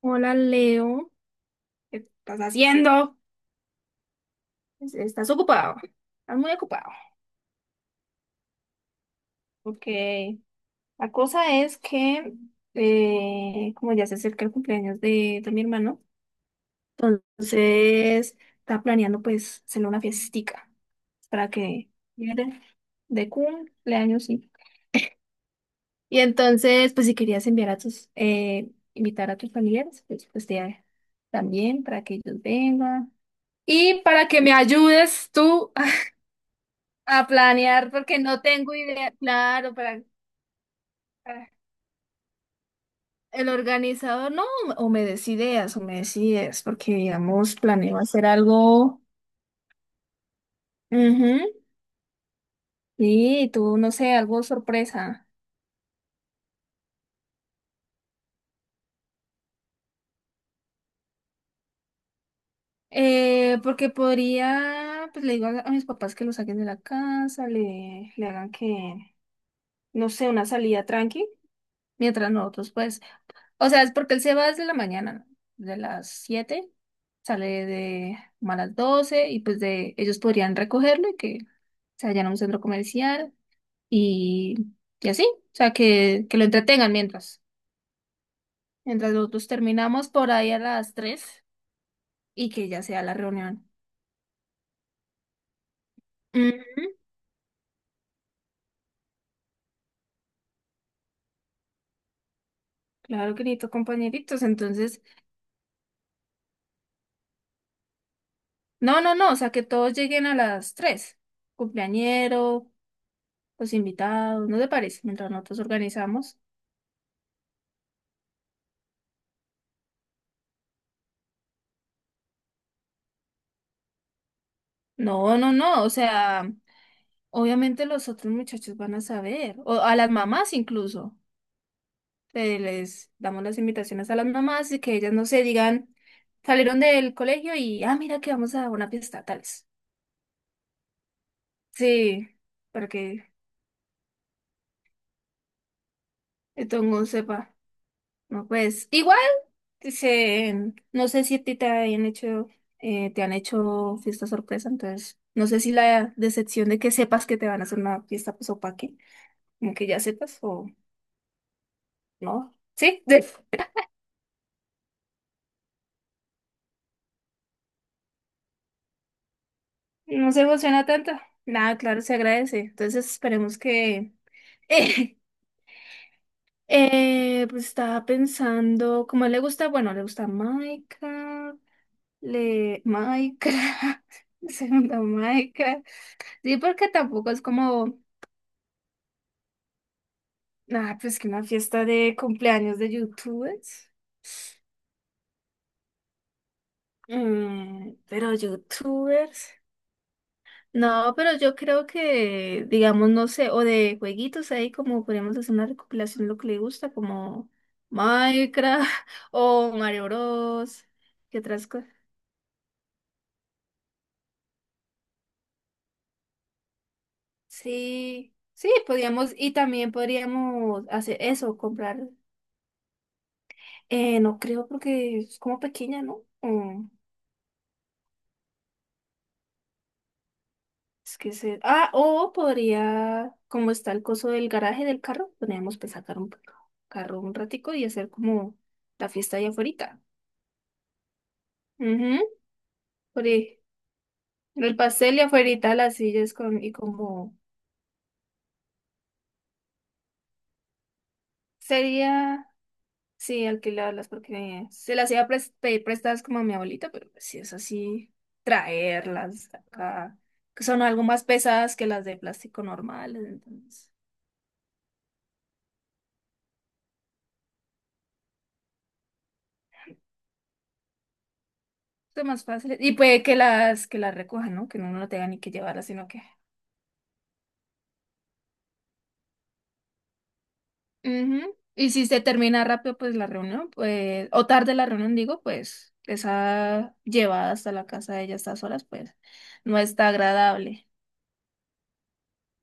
Hola Leo, ¿qué estás haciendo? Estás ocupado, estás muy ocupado. Ok, la cosa es que, como ya se acerca el cumpleaños de mi hermano, entonces está planeando pues hacerle una fiestica para que viene de cumpleaños, sí. Y entonces, pues si querías enviar a tus, invitar a tus familiares, pues, también para que ellos vengan. Y para que me ayudes tú a planear porque no tengo idea, claro, para- el organizador, no, o me des ideas, o me des ideas, porque digamos, planeo hacer algo, ujú, sí tú, no sé, algo sorpresa. Porque podría, pues le digo a mis papás que lo saquen de la casa, le hagan que, no sé, una salida tranqui, mientras nosotros, pues, o sea, es porque él se va desde la mañana, ¿no? De las 7, sale de como a las 12 y pues de ellos podrían recogerlo y que se vayan a un centro comercial y, y así, o sea, que lo entretengan mientras, mientras nosotros terminamos por ahí a las 3 y que ya sea la reunión. Ujú. Claro, querido compañeritos, entonces, no, no, no, o sea, que todos lleguen a las 3 cumpleañero, los invitados, ¿no te parece? Mientras nosotros organizamos. No, no, no, o sea... Obviamente los otros muchachos van a saber, o a las mamás incluso. Les damos las invitaciones a las mamás y que ellas no se digan, salieron del colegio y, ah, mira que vamos a una fiesta, tales. Sí, para que el tongo sepa. No, pues, igual, dicen, no sé si a ti te han hecho fiesta sorpresa, entonces, no sé si la decepción de que sepas que te van a hacer una fiesta, pues, o pa' qué, como que ya sepas o no. ¿Sí? No se emociona tanto. Nada, claro, se agradece. Entonces esperemos que... Pues estaba pensando, como le gusta, bueno, le gusta Minecraft, le... Minecraft, segunda Minecraft. Sí, porque tampoco es como, ah, pues que una fiesta de cumpleaños de youtubers. Mm, pero youtubers. No, pero yo creo que, digamos, no sé, o de jueguitos ahí, como podríamos hacer una recopilación de lo que le gusta, como Minecraft o Mario Bros. ¿Qué otras cosas? Sí, sí, podríamos, y también podríamos hacer eso, comprar. No creo porque es como pequeña, ¿no? Mm, es que se. Ah, o podría, como está el coso del garaje del carro, podríamos pues, sacar un carro un ratico y hacer como la fiesta allá afuera. Ori- El pastel y afuerita las sillas con, y como sería, sí, alquilarlas porque se las iba a pedir prestadas como a mi abuelita, pero pues si es así, traerlas acá, que son algo más pesadas que las de plástico normales, entonces son más fáciles. Y puede que las recojan, ¿no? Que no uno no tenga ni que llevarlas, sino que ujú. Y si se termina rápido, pues la reunión, pues, o tarde la reunión, digo, pues esa llevada hasta la casa de ella a estas horas, pues no está agradable.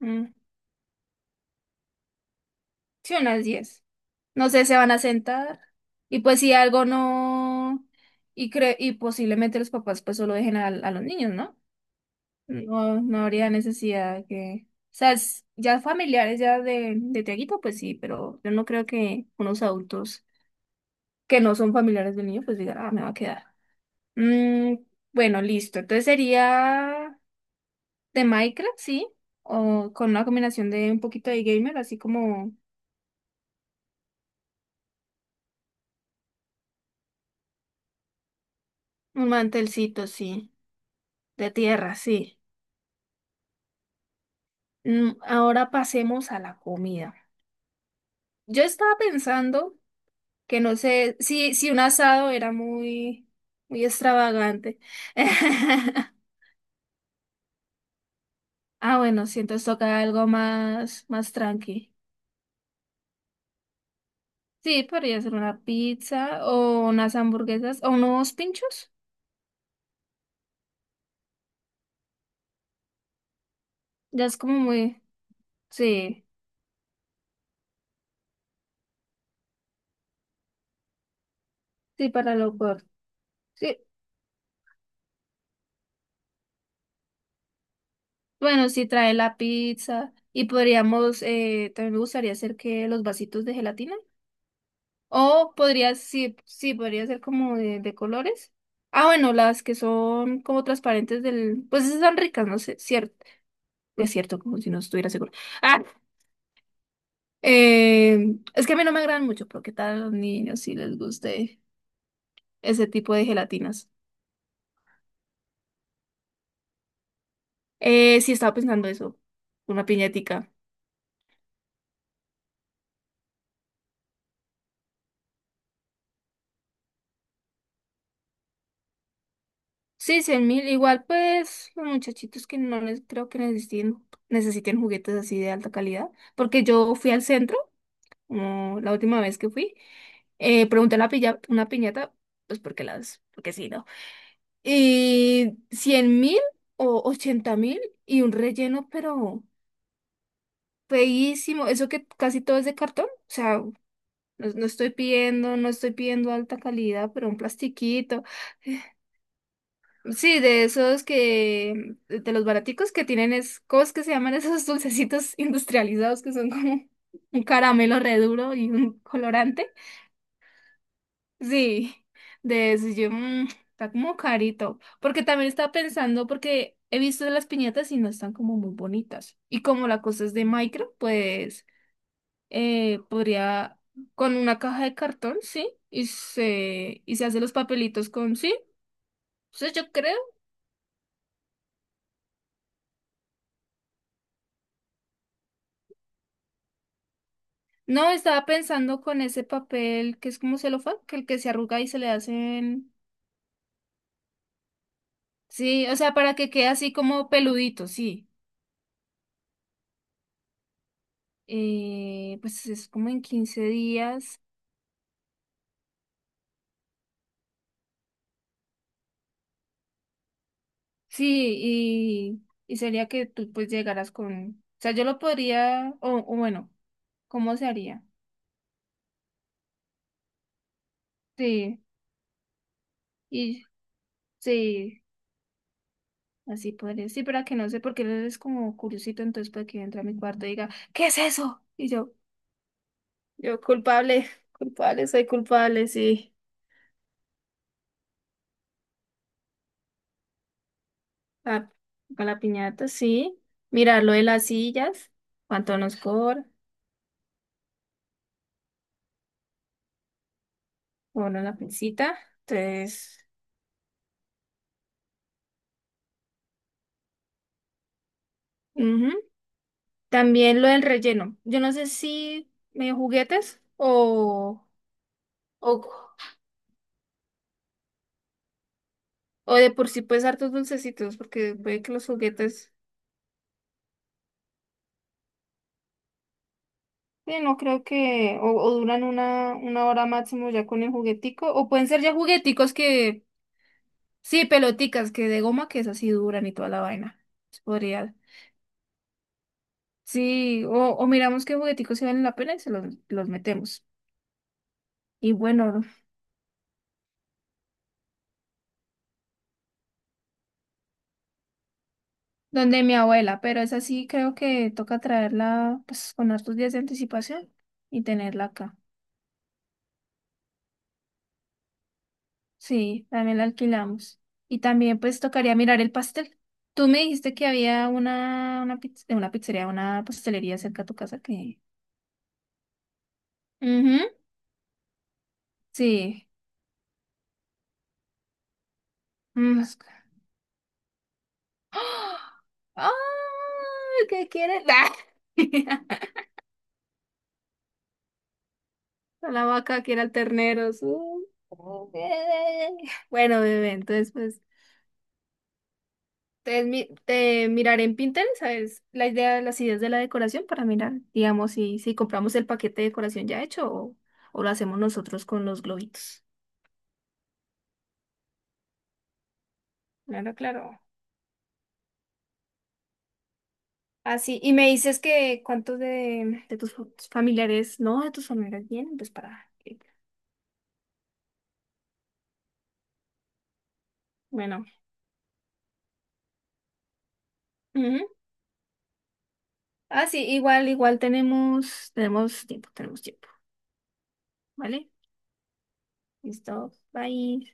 Mm. Sí, unas 10. No sé, se van a sentar y pues si algo no, y, cre y posiblemente los papás pues solo dejen a los niños, ¿no? No, no habría necesidad que... O sea, ya familiares ya de Tiaguito, pues sí, pero yo no creo que unos adultos que no son familiares del niño, pues digan, ah, me va a quedar. Mm, bueno, listo. Entonces sería de Minecraft, sí. O con una combinación de un poquito de gamer, así como un mantelcito, sí. De tierra, sí. Mm, ahora pasemos a la comida. Yo estaba pensando que no sé si, si un asado era muy, muy extravagante. Ah, bueno, sí, entonces toca algo más, más tranqui. Sí, podría ser una pizza o unas hamburguesas o unos pinchos. Ya es como muy. Sí, sí, para lo corto. Sí, bueno, sí trae la pizza y podríamos, también me gustaría hacer que los vasitos de gelatina. O podría, sí, sí, podría ser como de colores. Ah, bueno, las que son como transparentes del, pues esas son ricas, no sé, cierto, es cierto, como si no estuviera seguro. Ah, es que a mí no me agradan mucho, pero qué tal a los niños si les guste ese tipo de gelatinas. Sí, estaba pensando eso, una piñatica. Sí, 100.000. Igual, pues, los muchachitos que no les creo que necesiten, necesiten juguetes así de alta calidad. Porque yo fui al centro, como la última vez que fui, pregunté a la una piñata, pues porque las, porque sí, ¿no? Y 100.000 o 80.000 y un relleno, pero feísimo. Eso que casi todo es de cartón. O sea, no, no estoy pidiendo, no estoy pidiendo alta calidad, pero un plastiquito. Sí, de esos que, de los baraticos que tienen es, ¿cómo es que se llaman esos dulcecitos industrializados que son como un caramelo re duro y un colorante? Sí, de esos yo, mm, está como carito, porque también estaba pensando, porque he visto las piñatas y no están como muy bonitas, y como la cosa es de micro, pues podría, con una caja de cartón, sí, y se hace los papelitos con, sí, entonces yo creo no, estaba pensando con ese papel que es como celofán, que el que se arruga y se le hacen. Sí, o sea, para que quede así como peludito, sí. Pues es como en 15 días. Sí, y sería que tú pues llegaras con. O sea, yo lo podría. O bueno, ¿cómo se haría? Sí, y sí, así podría. Sí, pero que no sé, porque él es como curiosito, entonces puede que entre a mi cuarto y diga, ¿qué es eso? Y yo culpable, culpable, soy culpable, sí. Ah, con la piñata, sí. Mirar lo de las sillas, cuánto nos cobra, bueno, la pincita. Entonces, ujú. También lo del relleno. Yo no sé si juguetes o, o de por sí pues hartos dulcecitos, porque puede que los juguetes, sí, no creo que, o duran una hora máximo ya con el juguetico, o pueden ser ya jugueticos que, sí, peloticas, que de goma que esas sí duran y toda la vaina. Podría. Sí, o miramos qué jugueticos se valen la pena y se los metemos. Y bueno, donde mi abuela, pero es así, creo que toca traerla pues con hartos días de anticipación y tenerla acá. Sí, también la alquilamos. Y también pues tocaría mirar el pastel. Tú me dijiste que había una, una pizzería, una pastelería cerca a tu casa que... Ujú, sí. Mm, ¡ah! ¡Ay! ¿Qué quieres? A la vaca que era el ternero. Bueno, bebé, entonces pues te, te miraré en Pinterest, ¿sabes? La idea de las ideas de la decoración para mirar, digamos, si, si compramos el paquete de decoración ya hecho o lo hacemos nosotros con los globitos. Claro, claro. Así, y me dices que cuántos de tus familiares, no, de tus familiares vienen, pues para... que- Bueno. Ujú. Ah, sí, igual, igual tenemos, tenemos tiempo, ¿vale? Listo, bye.